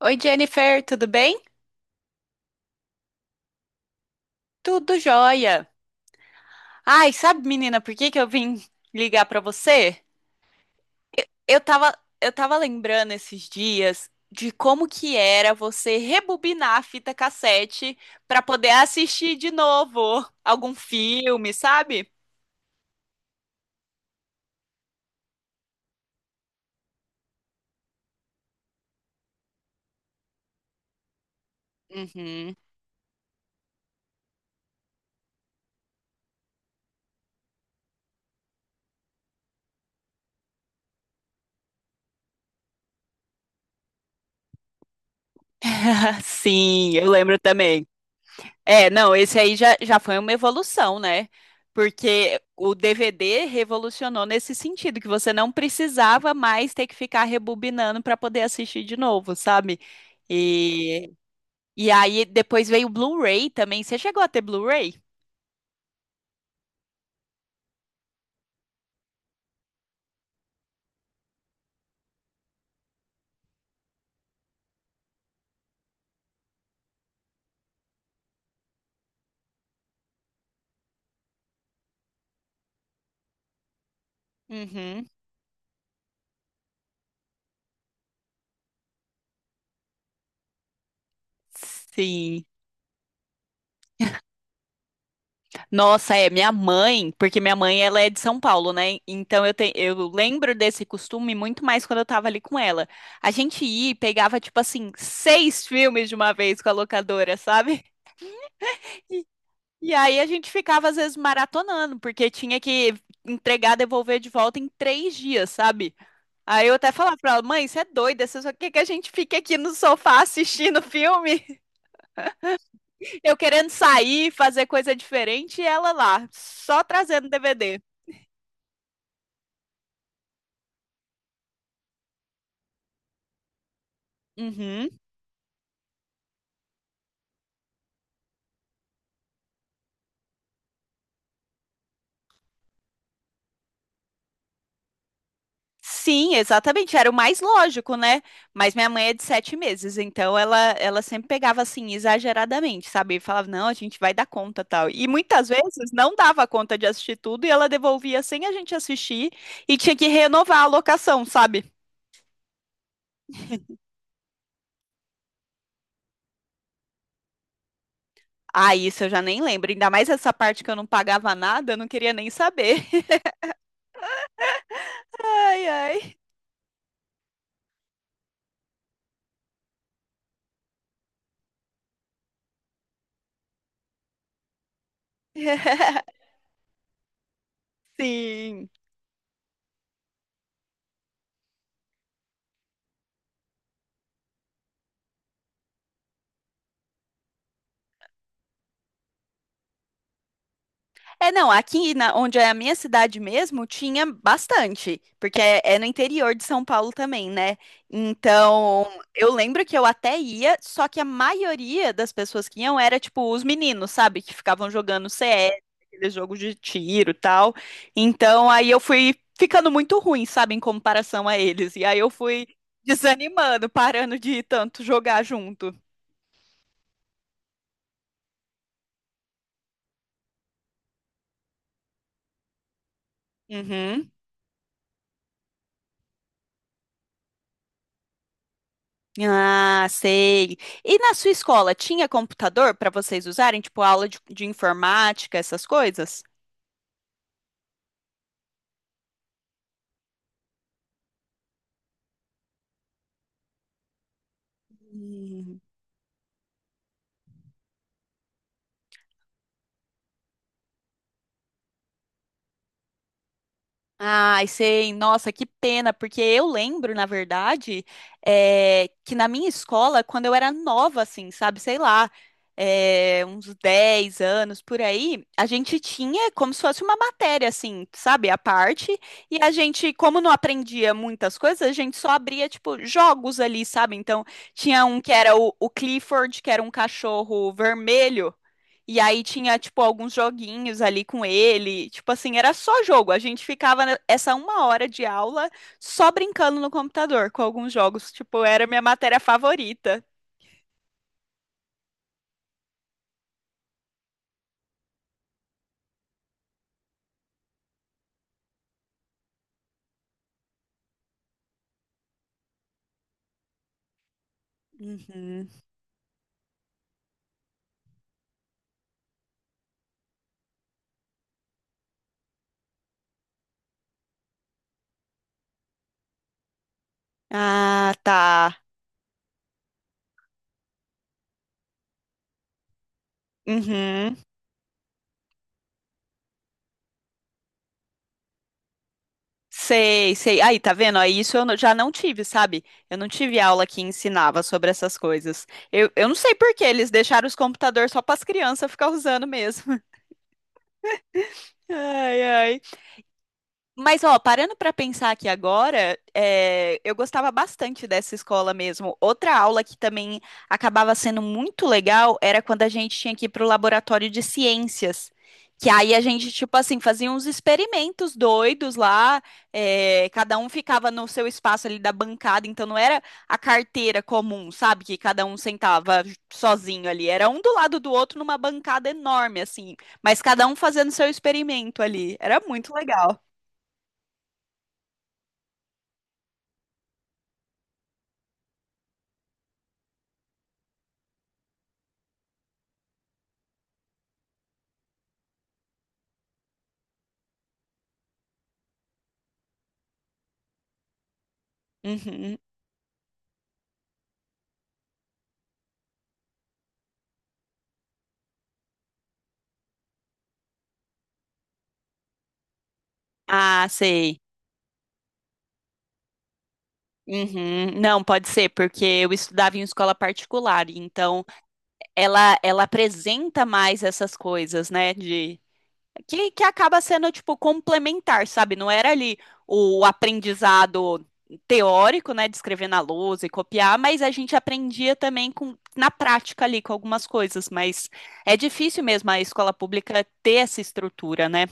Oi, Jennifer, tudo bem? Tudo jóia. Ai, sabe, menina, por que eu vim ligar pra você? Eu tava, eu tava lembrando esses dias de como que era você rebobinar a fita cassete pra poder assistir de novo algum filme, sabe? Uhum. Sim, eu lembro também. É, não, esse aí já foi uma evolução, né? Porque o DVD revolucionou nesse sentido, que você não precisava mais ter que ficar rebobinando para poder assistir de novo, sabe? E, e aí depois veio o Blu-ray também. Você chegou a ter Blu-ray? Uhum. Sim. Nossa, é minha mãe, porque minha mãe ela é de São Paulo, né? Então eu lembro desse costume muito mais quando eu tava ali com ela. A gente ia e pegava, tipo assim, 6 filmes de uma vez com a locadora, sabe? E aí a gente ficava, às vezes, maratonando, porque tinha que entregar, devolver de volta em 3 dias, sabe? Aí eu até falava pra ela, mãe, você é doida, você só quer que a gente fique aqui no sofá assistindo filme, eu querendo sair, fazer coisa diferente, e ela lá, só trazendo DVD. Uhum. Sim, exatamente, era o mais lógico, né? Mas minha mãe é de 7 meses, então ela sempre pegava assim, exageradamente, sabe? E falava, não, a gente vai dar conta, tal. E muitas vezes não dava conta de assistir tudo e ela devolvia sem a gente assistir e tinha que renovar a locação, sabe? Ah, isso eu já nem lembro, ainda mais essa parte que eu não pagava nada, eu não queria nem saber. Ai, ai. Sim. É, não, aqui na, onde é a minha cidade mesmo, tinha bastante, porque é, é no interior de São Paulo também, né? Então, eu lembro que eu até ia, só que a maioria das pessoas que iam era, tipo, os meninos, sabe? Que ficavam jogando CS, aqueles jogos de tiro e tal. Então, aí eu fui ficando muito ruim, sabe? Em comparação a eles. E aí eu fui desanimando, parando de tanto jogar junto. Uhum. Ah, sei. E na sua escola tinha computador para vocês usarem, tipo aula de informática, essas coisas? Ai, sei, nossa, que pena, porque eu lembro, na verdade, que na minha escola, quando eu era nova, assim, sabe, sei lá, uns 10 anos por aí, a gente tinha como se fosse uma matéria, assim, sabe, à parte, e a gente, como não aprendia muitas coisas, a gente só abria, tipo, jogos ali, sabe? Então, tinha um que era o Clifford, que era um cachorro vermelho. E aí tinha, tipo, alguns joguinhos ali com ele. Tipo assim, era só jogo. A gente essa uma hora de aula só brincando no computador com alguns jogos. Tipo, era minha matéria favorita. Uhum. Ah, tá. Uhum. Sei, sei. Aí, tá vendo? Aí isso eu não- já não tive, sabe? Eu não tive aula que ensinava sobre essas coisas. Eu não sei por que eles deixaram os computadores só para as crianças ficar usando mesmo. Ai, ai. Mas, ó, parando para pensar aqui agora, é, eu gostava bastante dessa escola mesmo. Outra aula que também acabava sendo muito legal era quando a gente tinha que ir para o laboratório de ciências. Que aí a gente, tipo assim, fazia uns experimentos doidos lá, é, cada um ficava no seu espaço ali da bancada, então não era a carteira comum, sabe? Que cada um sentava sozinho ali, era um do lado do outro numa bancada enorme, assim, mas cada um fazendo seu experimento ali. Era muito legal. Uhum. Ah, sei. Uhum. Não, pode ser, porque eu estudava em escola particular, então ela apresenta mais essas coisas, né, de que acaba sendo tipo complementar, sabe? Não era ali o aprendizado teórico, né, de escrever na lousa e copiar, mas a gente aprendia também com na prática ali com algumas coisas, mas é difícil mesmo a escola pública ter essa estrutura, né?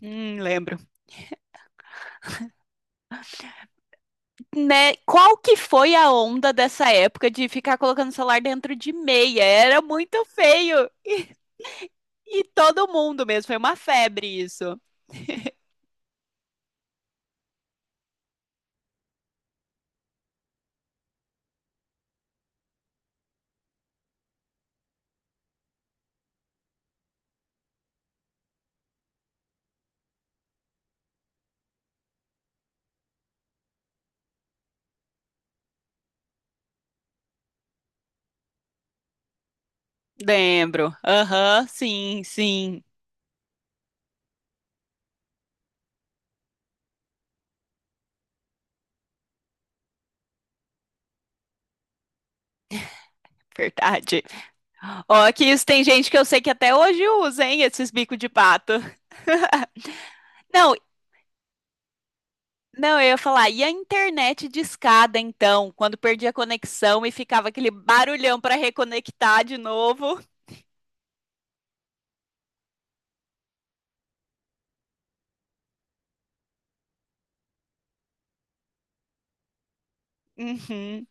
Lembro. Né? Qual que foi a onda dessa época de ficar colocando o celular dentro de meia? Era muito feio. E todo mundo mesmo, foi uma febre isso. Lembro. Aham, sim, sim. Verdade. Ó, que isso tem gente que eu sei que até hoje usa, hein, esses bicos de pato. Não, não, eu ia falar, e a internet discada então, quando perdia a conexão e ficava aquele barulhão para reconectar de novo? Uhum.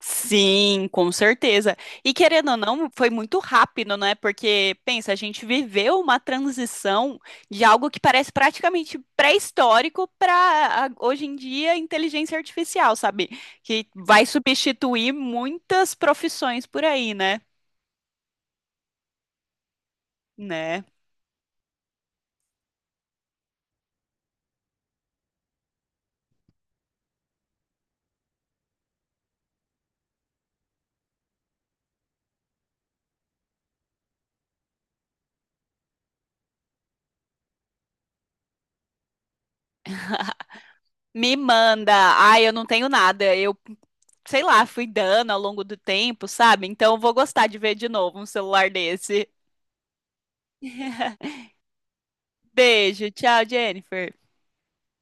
Sim, com certeza. E querendo ou não, foi muito rápido, né? Porque, pensa, a gente viveu uma transição de algo que parece praticamente pré-histórico para hoje em dia inteligência artificial, sabe? Que vai substituir muitas profissões por aí, né? Né? Me manda. Ai, eu não tenho nada. Eu, sei lá, fui dando ao longo do tempo, sabe? Então eu vou gostar de ver de novo um celular desse. Beijo, tchau, Jennifer.